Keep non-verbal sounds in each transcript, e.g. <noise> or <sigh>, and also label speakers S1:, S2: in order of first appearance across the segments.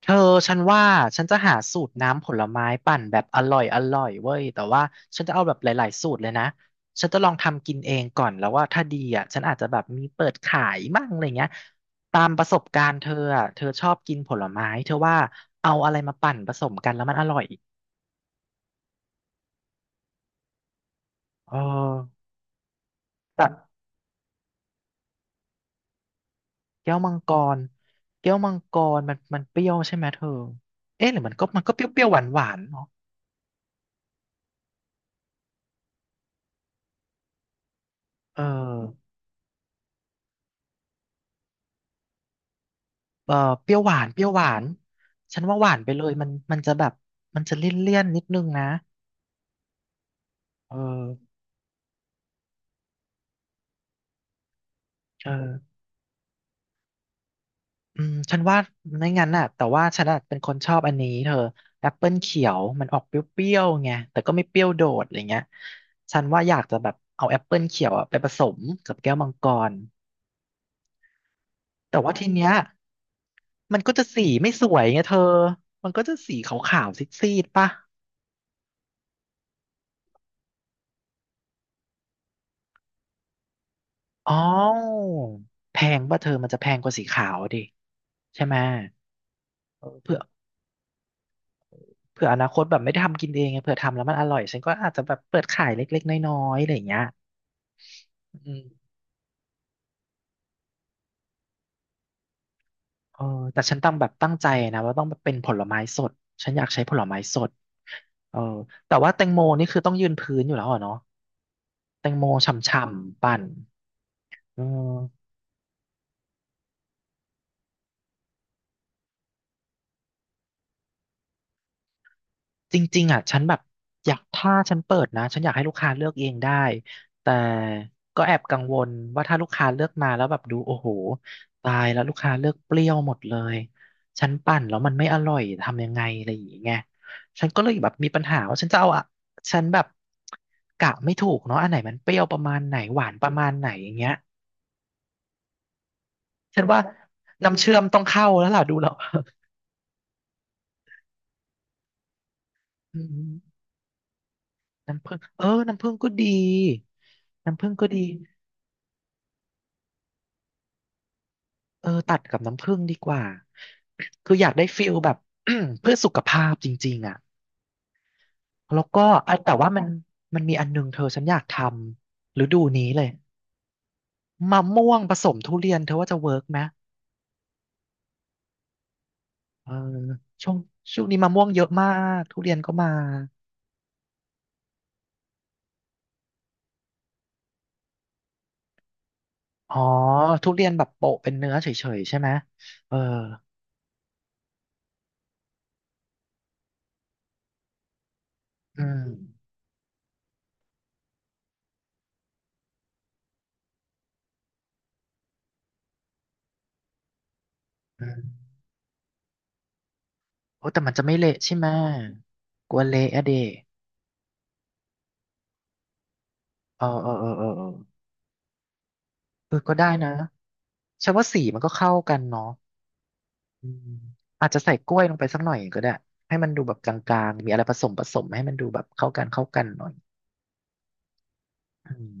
S1: เธอฉันว่าฉันจะหาสูตรน้ำผลไม้ปั่นแบบอร่อยอร่อยเว้ยแต่ว่าฉันจะเอาแบบหลายๆสูตรเลยนะฉันจะลองทำกินเองก่อนแล้วว่าถ้าดีอ่ะฉันอาจจะแบบมีเปิดขายมั่งอะไรเงี้ยตามประสบการณ์เธออ่ะเธอชอบกินผลไม้เธอว่าเอาอะไรมาปั่นผสมกันแล้วมันอร่อยเออแต่แก้วมังกรแก้วมังกรมันมันเปรี้ยวใช่ไหมเธอเอ๊ะหรือมันก็มันก็เปรี้ยวๆหวานๆเนาะเออ เออเปรี้ยวหวานเปรี้ยวหวานฉันว่าหวานไปเลยมันมันจะแบบมันจะเลี่ยนเลี่ยนนิดนึงนะเออเอออืมฉันว่าไม่งั้นน่ะแต่ว่าฉันอะเป็นคนชอบอันนี้เธอแอปเปิลเขียวมันออกเปรี้ยวๆไงแต่ก็ไม่เปรี้ยวโดดอะไรเงี้ยฉันว่าอยากจะแบบเอาแอปเปิลเขียวอะไปผสมกับแก้วมังกรแต่ว่าทีเนี้ยมันก็จะสีไม่สวยไงเธอมันก็จะสีขาวๆซีดๆป่ะอ๋อแพงป่ะเธอมันจะแพงกว่าสีขาวดิใช่ไหม เออเผื่อเผื่ออนาคตแบบไม่ได้ทำกินเองไงเผื่อทำแล้วมันอร่อยฉันก็อาจจะแบบเปิดขายเล็กๆน้อยๆอะไรอย่างเงี้ยอืมเออแต่ฉันต้องแบบตั้งใจนะว่าต้องเป็นผลไม้สดฉันอยากใช้ผลไม้สดเออแต่ว่าแตงโมนี่คือต้องยืนพื้นอยู่แล้วเหรอเนาะแตงโมฉ่ำๆปั่นอืม จริงๆอ่ะฉันแบบอยากถ้าฉันเปิดนะฉันอยากให้ลูกค้าเลือกเองได้แต่ก็แอบกังวลว่าถ้าลูกค้าเลือกมาแล้วแบบดูโอ้โหตายแล้วลูกค้าเลือกเปรี้ยวหมดเลยฉันปั่นแล้วมันไม่อร่อยทำยังไงอะไรอย่างเงี้ยฉันก็เลยแบบมีปัญหาว่าฉันจะเอาอะฉันแบบกะไม่ถูกเนาะอันไหนมันเปรี้ยวประมาณไหนหวานประมาณไหนอย่างเงี้ยฉันว่าน้ำเชื่อมต้องเข้าแล้วล่ะดูแล้ว <laughs> อืมน้ำผึ้งเออน้ำผึ้งก็ดีน้ำผึ้งก็ดี เออตัดกับน้ำผึ้งดีกว่าคืออยากได้ฟิลแบบ <clears throat> เพื่อสุขภาพจริงๆอ่ะแล้วก็อ่ะแต่ว่ามันมีอันหนึงเธอฉันอยากทำฤดูนี้เลยมะม่วงผสมทุเรียนเธอว่าจะเวิร์กไหมเออช่วงช่วงนี้มะม่วงเยอะมากทุเรียนก็มาอ๋อทุเรียนแบบโปะเป็นเนื้อเฉยๆใช่ไหมเอออืมอืมโอ้แต่มันจะไม่เละใช่ไหมกลัวเละอะเดเออเออเออเออเออ เออก็ได้นะฉันว่าสีมันก็เข้ากันเนาะอืมอาจจะใส่กล้วยลงไปสักหน่อยก็ได้ให้มันดูแบบกลางๆมีอะไรผสมผสมให้มันดูแบบเข้ากันเข้ากันหน่อยอืม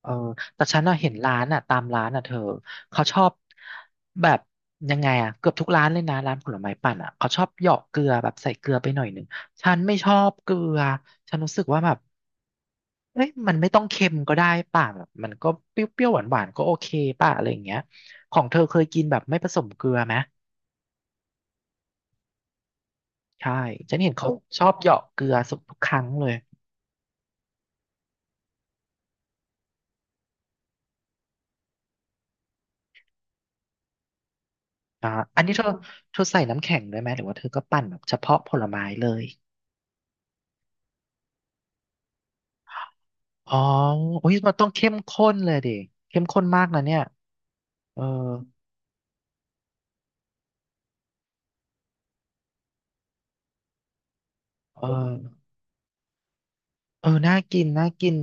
S1: เออแต่ฉันน่ะเห็นร้านอ่ะตามร้านอ่ะเธอเขาชอบแบบยังไงอ่ะเกือบทุกร้านเลยนะร้านผลไม้ปั่นอ่ะเขาชอบเหยาะเกลือแบบใส่เกลือไปหน่อยหนึ่งฉันไม่ชอบเกลือฉันรู้สึกว่าแบบ เอ้ยมันไม่ต้องเค็มก็ได้ป่ะแบบมันก็เปรี้ยวๆหวานๆก็โอเคป่ะอะไรอย่างเงี้ยของเธอเคยกินแบบไม่ผสมเกลือไหมใช่ฉันเห็นเขาชอบเหยาะเกลือสุกทุกครั้งเลยอ่าอันนี้เธอเธอใส่น้ำแข็งด้วยไหมหรือว่าเธอก็ปั่นแบบเฉพาะผลไม้เลยอ๋อโอ้ยมันต้องเข้มข้นเลยดิเข้มข้นมากนะเนี่ยเออเออเออน่ากินน่ากิน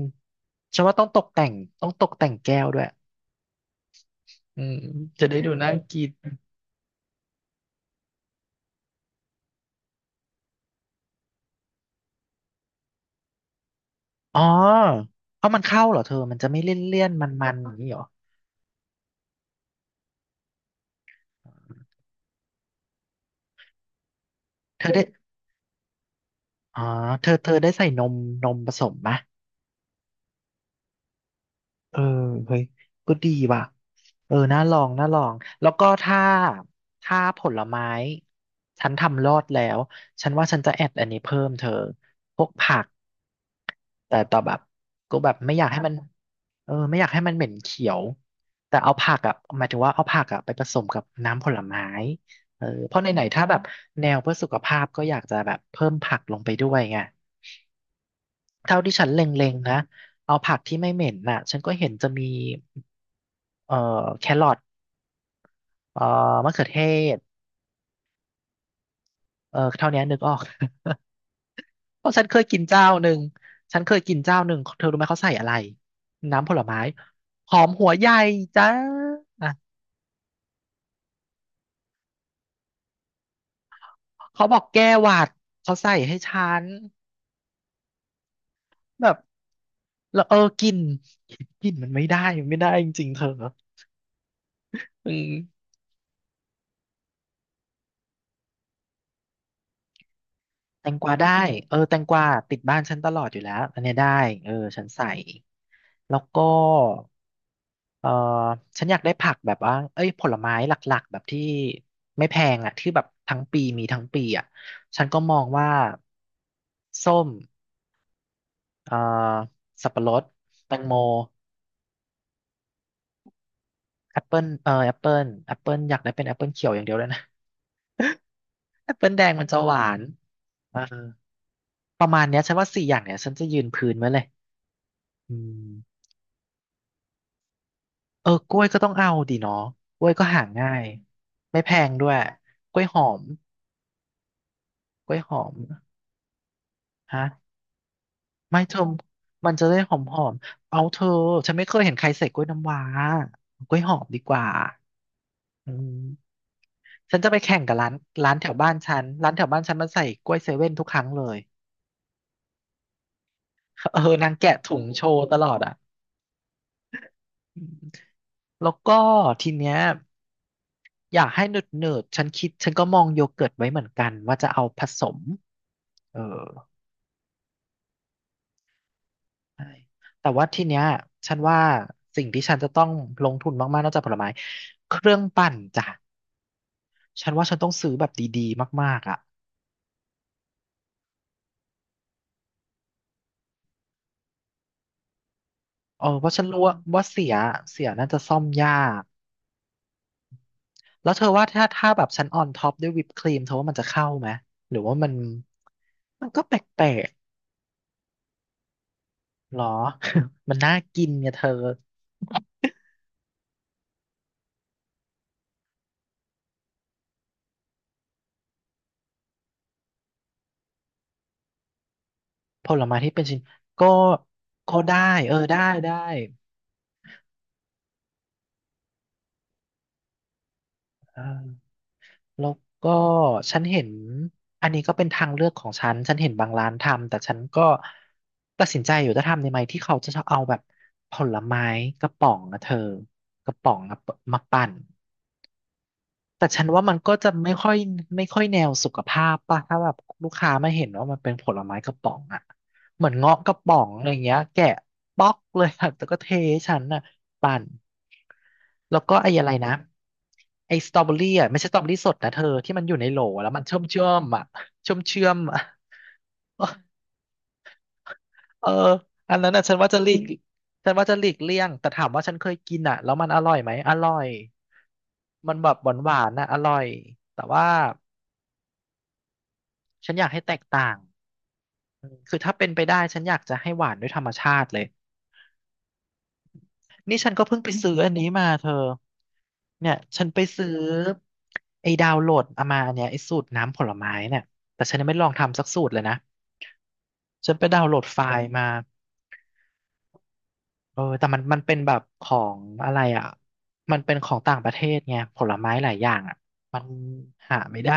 S1: ฉันว่าต้องตกแต่งต้องตกแต่งแก้วด้วยอืมจะได้ดูน่ากิน อ๋อเอามันเข้าเหรอเธอ มันจะไม่เลี่ยนเลี่ยนมันมันๆอย่างนี้เหรอเธอได้อ๋อเธอเธอได้ใส่นมนมผสมมะ เออเฮ้ยก็ดีว่ะเออน่าลองน่าลองแล้วก็ถ้าถ้าผลไม้ฉันทำรอดแล้วฉันว่าฉันจะแอดอันนี้เพิ่มเธอพวกผักแต่ต่อแบบก็แบบไม่อยากให้มันเออไม่อยากให้มันเหม็นเขียวแต่เอาผักอ่ะหมายถึงว่าเอาผักอ่ะไปผสมกับน้ำผลไม้เออเพราะไหนๆถ้าแบบแนวเพื่อสุขภาพก็อยากจะแบบเพิ่มผักลงไปด้วยไงเท่าที่ฉันเล็งๆนะเอาผักที่ไม่เหม็นน่ะฉันก็เห็นจะมี เอ่อแครอทเอ่อมะเขือเทศเออเท่านี้นึกออก <laughs> เพราะฉันเคยกินเจ้าหนึ่งฉันเคยกินเจ้าหนึ่งเธอรู้ไหมเขาใส่อะไรน้ำผลไม้หอมหัวใหญ่จ้าอ่ะเขาบอกแก้หวัดเขาใส่ให้ฉันแบบแล้วกลินกลินมันไม่ได้จริงๆเธออืมแตงกวาได้เออแตงกวาติดบ้านฉันตลอดอยู่แล้วอันเนี้ยได้เออฉันใส่แล้วก็ เออฉันอยากได้ผักแบบว่าเอ้ยผลไม้หลักๆแบบที่ไม่แพงอ่ะที่แบบทั้งปีมีทั้งปีอ่ะฉันก็มองว่าส้มเอ่อสับปะรดแตงโมแอปเปิลแอปเปิลอยากได้เป็นแอปเปิลเขียวอย่างเดียวเลยนะ <laughs> แอปเปิลแดงมันจะหวานเออประมาณเนี้ยฉันว่าสี่อย่างเนี้ยฉันจะยืนพื้นไว้เลยอืมเออกล้วยก็ต้องเอาดีเนาะกล้วยก็หาง่ายไม่แพงด้วยกล้วยหอมกล้วยหอมฮะ ไม่เธอมันจะได้หอมหอมเอาเธอฉันไม่เคยเห็นใครใส่กล้วยน้ำว้ากล้วยหอมดีกว่าอืมฉันจะไปแข่งกับร้านร้านแถวบ้านฉันร้านแถวบ้านฉันมันใส่กล้วยเซเว่นทุกครั้งเลย <laughs> เออนางแกะถุงโชว์ตลอดอ่ะอืมแล้วก็ทีเนี้ยอยากให้เนิร์ดเนิร์ดฉันคิดฉันก็มองโยเกิร์ตไว้เหมือนกันว่าจะเอาผสมเออใช่แต่ว่าทีเนี้ยฉันว่าสิ่งที่ฉันจะต้องลงทุนมากๆนอกจากผลไม้เครื่องปั่นจ้ะ ฉันว่าฉันต้องซื้อแบบดีๆมากๆอ่ะเออเพราะฉันรู้ว่าเสียเสียน่าจะซ่อมยาก แล้วเธอว่าถ้าแบบฉันออนท็อปด้วยวิปครีมเธอว่ามันจะเข้าไหมหรือว่ามันมันก็แปลกๆหรอ <laughs> มันน่ากินเนี่ยเธอผลไม้ที่เป็นชิ้นก็ก็ได้เออได้ได้เออ แล้วก็ฉันเห็นอันนี้ก็เป็นทางเลือกของฉัน ฉันเห็นบางร้านทำแต่ฉันก็ตัดสินใจอยู่จะทำในไหมที่เขาจะเอาแบบผลไม้กระป๋องนะเธอกระป๋องอะมาปั่น แต่ฉันว่ามันก็จะไม่ค่อยแนวสุขภาพป่ะถ้าแบบลูกค้าไม่เห็นว่ามันเป็นผลไม้กระป๋องอ่ะเหมือนเงาะกระป๋องอะไรเงี้ยแกะป๊อกเลยอะแต่ก็เทให้ฉันน่ะปั่นแล้วก็ไอ้อะไรนะไอ้สตรอเบอรี่อ่ะไม่ใช่สตรอเบอรี่สดนะเธอที่มันอยู่ในโหลแล้วมันเชื่อมเชื่อมอ่ะเชื่อมเชื่อมอ่ะ <laughs> เอออันนั้นอ่ะฉันว่าจะหลีกฉันว่าจะหลีกเลี่ยงแต่ถามว่าฉันเคยกินอ่ะแล้วมันอร่อยไหมอร่อยมันแบบหวานหวานนะอร่อยแต่ว่า ฉันอยากให้แตกต่างอืมคือถ้าเป็นไปได้ฉันอยากจะให้หวานด้วยธรรมชาติเลยนี่ฉันก็เพิ่งไปซื้ออันนี้มาเธอเนี่ยฉันไปซื้อไอ้ดาวน์โหลดเอามาอันเนี้ยไอ้สูตรน้ำผลไม้เนี่ยแต่ฉันยังไม่ลองทำสักสูตรเลยนะฉันไปดาวน์โหลดไฟล์มาเออแต่มันเป็นแบบของอะไรอ่ะมันเป็นของต่างประเทศไงผลไม้หลายอย่างอ่ะมันหาไม่ได้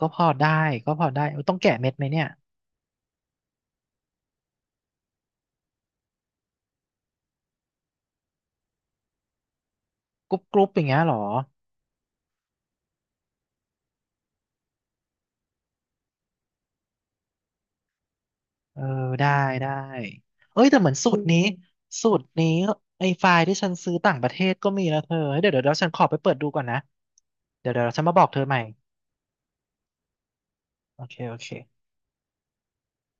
S1: ก็พอได้เออต้องแกะเม็ดไหมเนี่ยกรุบกรุบอย่างเงี้ยเหรอ เออได้ได้ เอ้ยแต่เหมือนสูตรนี้สูตรนี้ไอ้ไฟล์ที่ฉันซื้อต่างประเทศก็มีนะเธอเฮ้ยเดี๋ยวฉันขอไปเปิดดูก่อนนะเดี๋ยวฉันมาบอกเธอใหม่โอเค